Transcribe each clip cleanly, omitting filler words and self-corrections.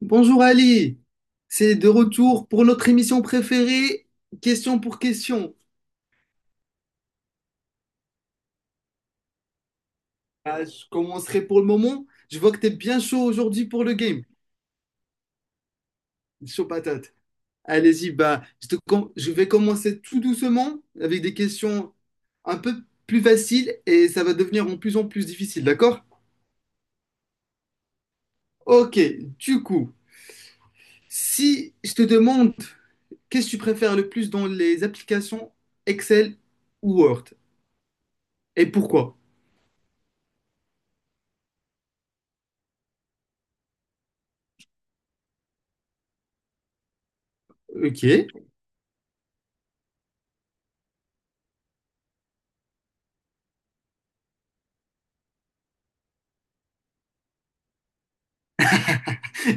Bonjour Ali, c'est de retour pour notre émission préférée, question pour question. Ah, je commencerai pour le moment. Je vois que tu es bien chaud aujourd'hui pour le game. Chaud patate. Allez-y, bah, je vais commencer tout doucement avec des questions un peu plus faciles et ça va devenir en plus difficile, d'accord? Ok, du coup, si je te demande qu'est-ce que tu préfères le plus dans les applications Excel ou Word et pourquoi? Ok.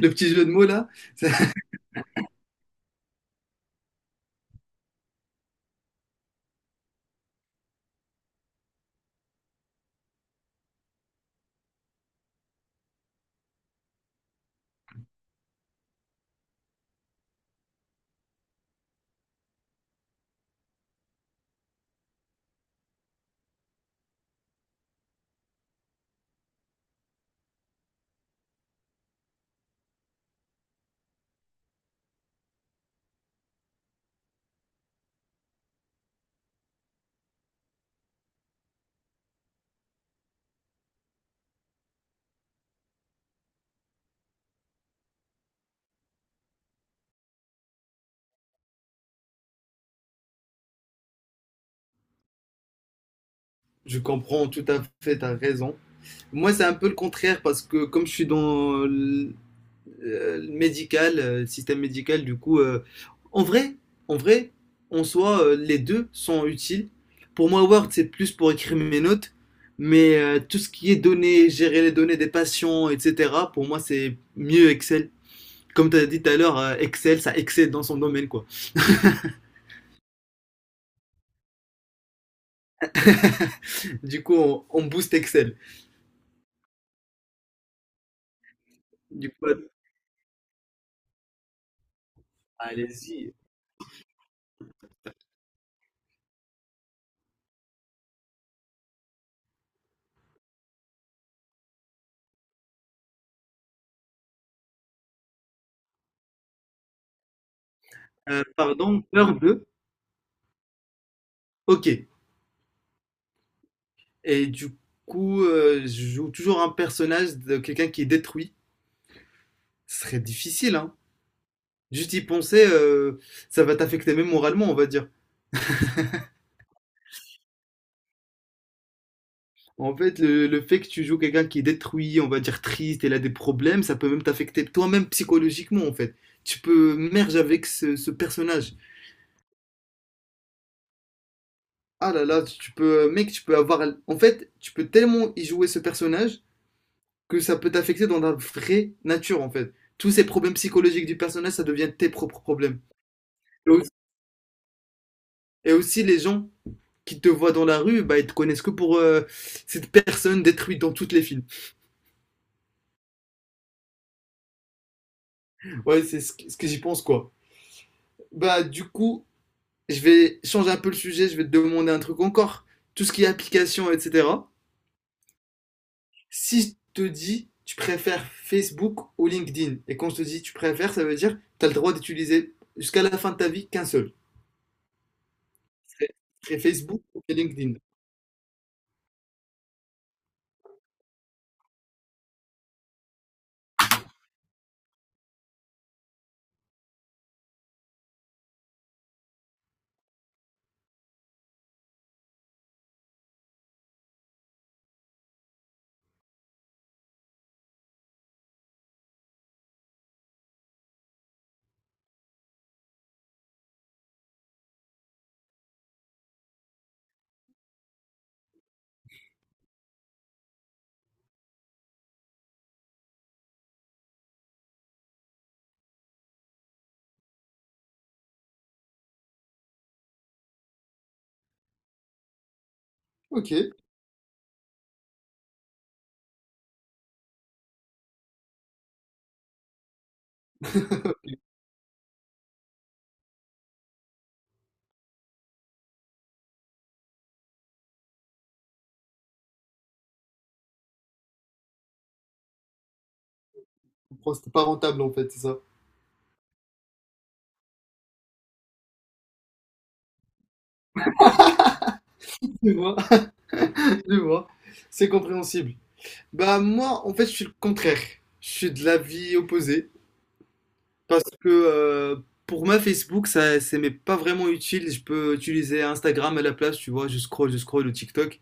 Le petit jeu de mots là, ça, je comprends tout à fait, tu raison. Moi, c'est un peu le contraire parce que comme je suis dans le médical, le système médical, du coup, en vrai, en vrai, en soi, les deux sont utiles. Pour moi, Word, c'est plus pour écrire mes notes, mais tout ce qui est données, gérer les données des patients, etc., pour moi, c'est mieux Excel. Comme tu as dit tout à l'heure, Excel, ça excelle dans son domaine, quoi. Du coup, on booste Excel. Du coup, allez-y. Pardon, peur de? OK et du coup, je joue toujours un personnage de quelqu'un qui est détruit. Ce serait difficile, hein? Juste y penser, ça va t'affecter même moralement, on va dire. En fait, le fait que tu joues quelqu'un qui est détruit, on va dire triste, il a des problèmes, ça peut même t'affecter toi-même psychologiquement, en fait. Tu peux merge avec ce personnage. Ah là là, tu peux, mec, tu peux avoir en fait, tu peux tellement y jouer ce personnage que ça peut t'affecter dans la vraie nature, en fait. Tous ces problèmes psychologiques du personnage, ça devient tes propres problèmes. Et aussi, et aussi, les gens qui te voient dans la rue, bah, ils te connaissent que pour cette personne détruite dans tous les films. Ouais, c'est ce que j'y pense, quoi. Bah, du coup, je vais changer un peu le sujet, je vais te demander un truc encore. Tout ce qui est application, etc. Si je te dis, tu préfères Facebook ou LinkedIn, et quand je te dis tu préfères, ça veut dire tu as le droit d'utiliser jusqu'à la fin de ta vie qu'un seul. C'est c'est Facebook ou c'est LinkedIn. Ok. Bon, c'était pas rentable en fait, c'est ça. Je vois, je vois. C'est compréhensible. Bah moi, en fait, je suis le contraire. Je suis de l'avis opposé. Parce que pour moi, Facebook, ça, c'est mais pas vraiment utile. Je peux utiliser Instagram à la place, tu vois. Je scroll ou TikTok.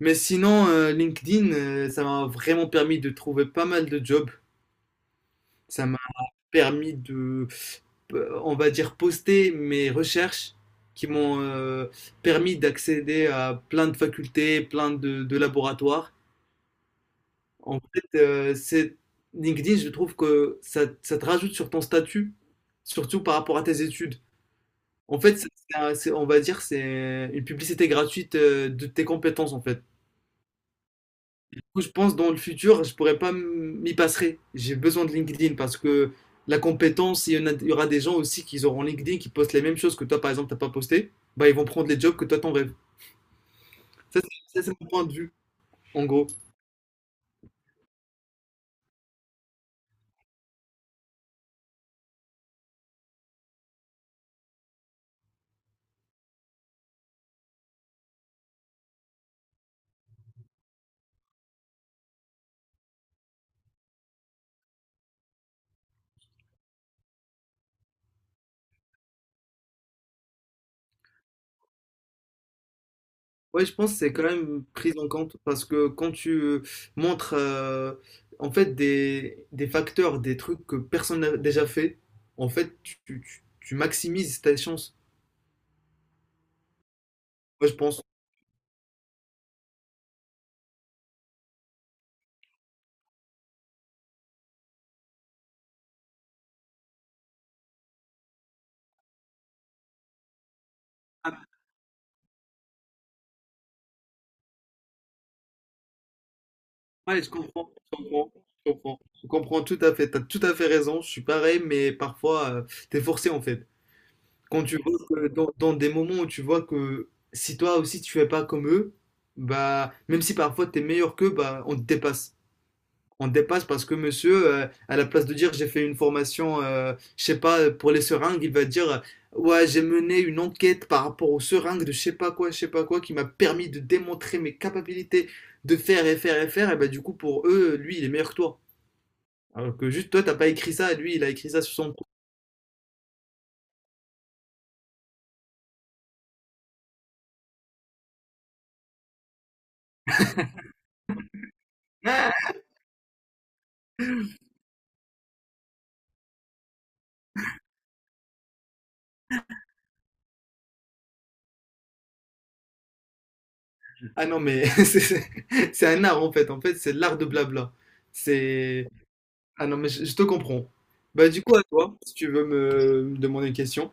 Mais sinon, LinkedIn, ça m'a vraiment permis de trouver pas mal de jobs. Ça m'a permis de on va dire, poster mes recherches qui m'ont permis d'accéder à plein de facultés, de laboratoires. En fait, c'est LinkedIn, je trouve que ça te rajoute sur ton statut, surtout par rapport à tes études. En fait, on va dire, c'est une publicité gratuite de tes compétences, en fait. Coup, je pense dans le futur, je pourrais pas m'y passer. J'ai besoin de LinkedIn parce que la compétence, il y aura des gens aussi qui auront LinkedIn qui postent les mêmes choses que toi, par exemple, t'as pas posté. Bah, ils vont prendre les jobs que toi, t'en rêves. Ça, c'est mon point de vue, en gros. Ouais, je pense que c'est quand même pris en compte parce que quand tu montres en fait des facteurs, des trucs que personne n'a déjà fait, en fait, tu maximises ta chance. Moi, je pense. Ouais, je comprends tout à fait, t'as tout à fait raison, je suis pareil, mais parfois, t'es forcé en fait. Quand tu vois que dans des moments où tu vois que si toi aussi tu fais pas comme eux, bah, même si parfois t'es meilleur qu'eux, bah, on te dépasse. On dépasse parce que monsieur, à la place de dire j'ai fait une formation, je sais pas, pour les seringues, il va dire ouais, j'ai mené une enquête par rapport aux seringues de je sais pas quoi, je sais pas quoi, qui m'a permis de démontrer mes capacités de faire et faire et faire. Et bah, du coup, pour eux, lui, il est meilleur que toi. Alors que juste toi, t'as pas écrit ça, et lui, il a écrit ça sur son. Ah, ah non, mais c'est un art en fait. En fait, c'est l'art de blabla. C'est. Ah non, mais je te comprends. Bah, du coup, à toi, si tu veux me demander une question.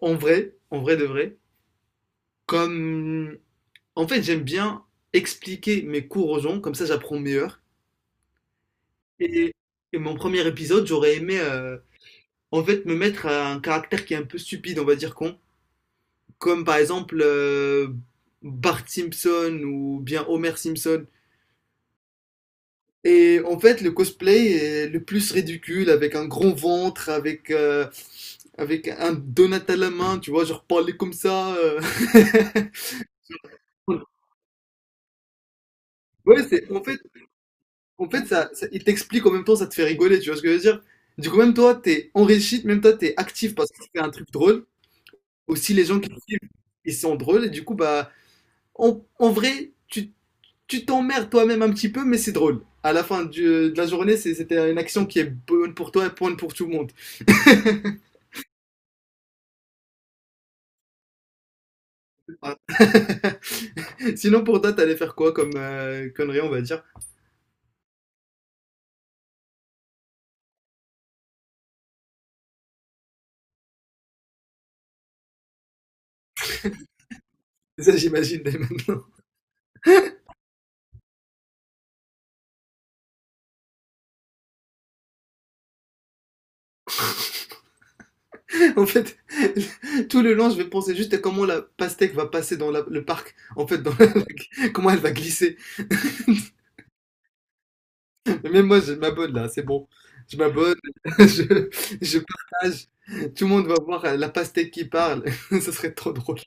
En vrai de vrai, comme en fait, j'aime bien expliquer mes cours aux gens, comme ça j'apprends meilleur. Et, et mon premier épisode, j'aurais aimé en fait me mettre à un caractère qui est un peu stupide, on va dire con, comme par exemple Bart Simpson ou bien Homer Simpson. Et en fait, le cosplay est le plus ridicule, avec un grand ventre, avec avec un donut à la main, tu vois, genre parler comme ça. Ouais, c'est en fait en fait, il t'explique en même temps, ça te fait rigoler, tu vois ce que je veux dire? Du coup, même toi, t'es enrichi, même toi, t'es actif parce que tu fais un truc drôle. Aussi, les gens qui te suivent, ils sont drôles, et du coup, bah, en vrai, tu t'emmerdes toi-même un petit peu, mais c'est drôle. À la fin de la journée, c'était une action qui est bonne pour toi et bonne pour tout le monde. Voilà. Sinon, pour toi, t'allais faire quoi comme connerie, on va dire? Ça, j'imagine dès maintenant. En fait, tout le long, je vais penser juste à comment la pastèque va passer dans le parc. En fait, comment elle va glisser. Mais même moi, je m'abonne là, c'est bon. Je m'abonne, je, je partage. Tout le monde va voir la pastèque qui parle. Ça serait trop drôle.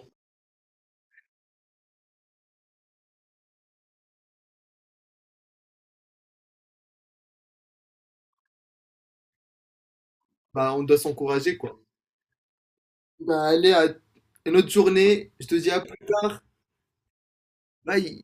Bah, on doit s'encourager, quoi. Bah, allez, à une autre journée. Je te dis à plus tard. Bye.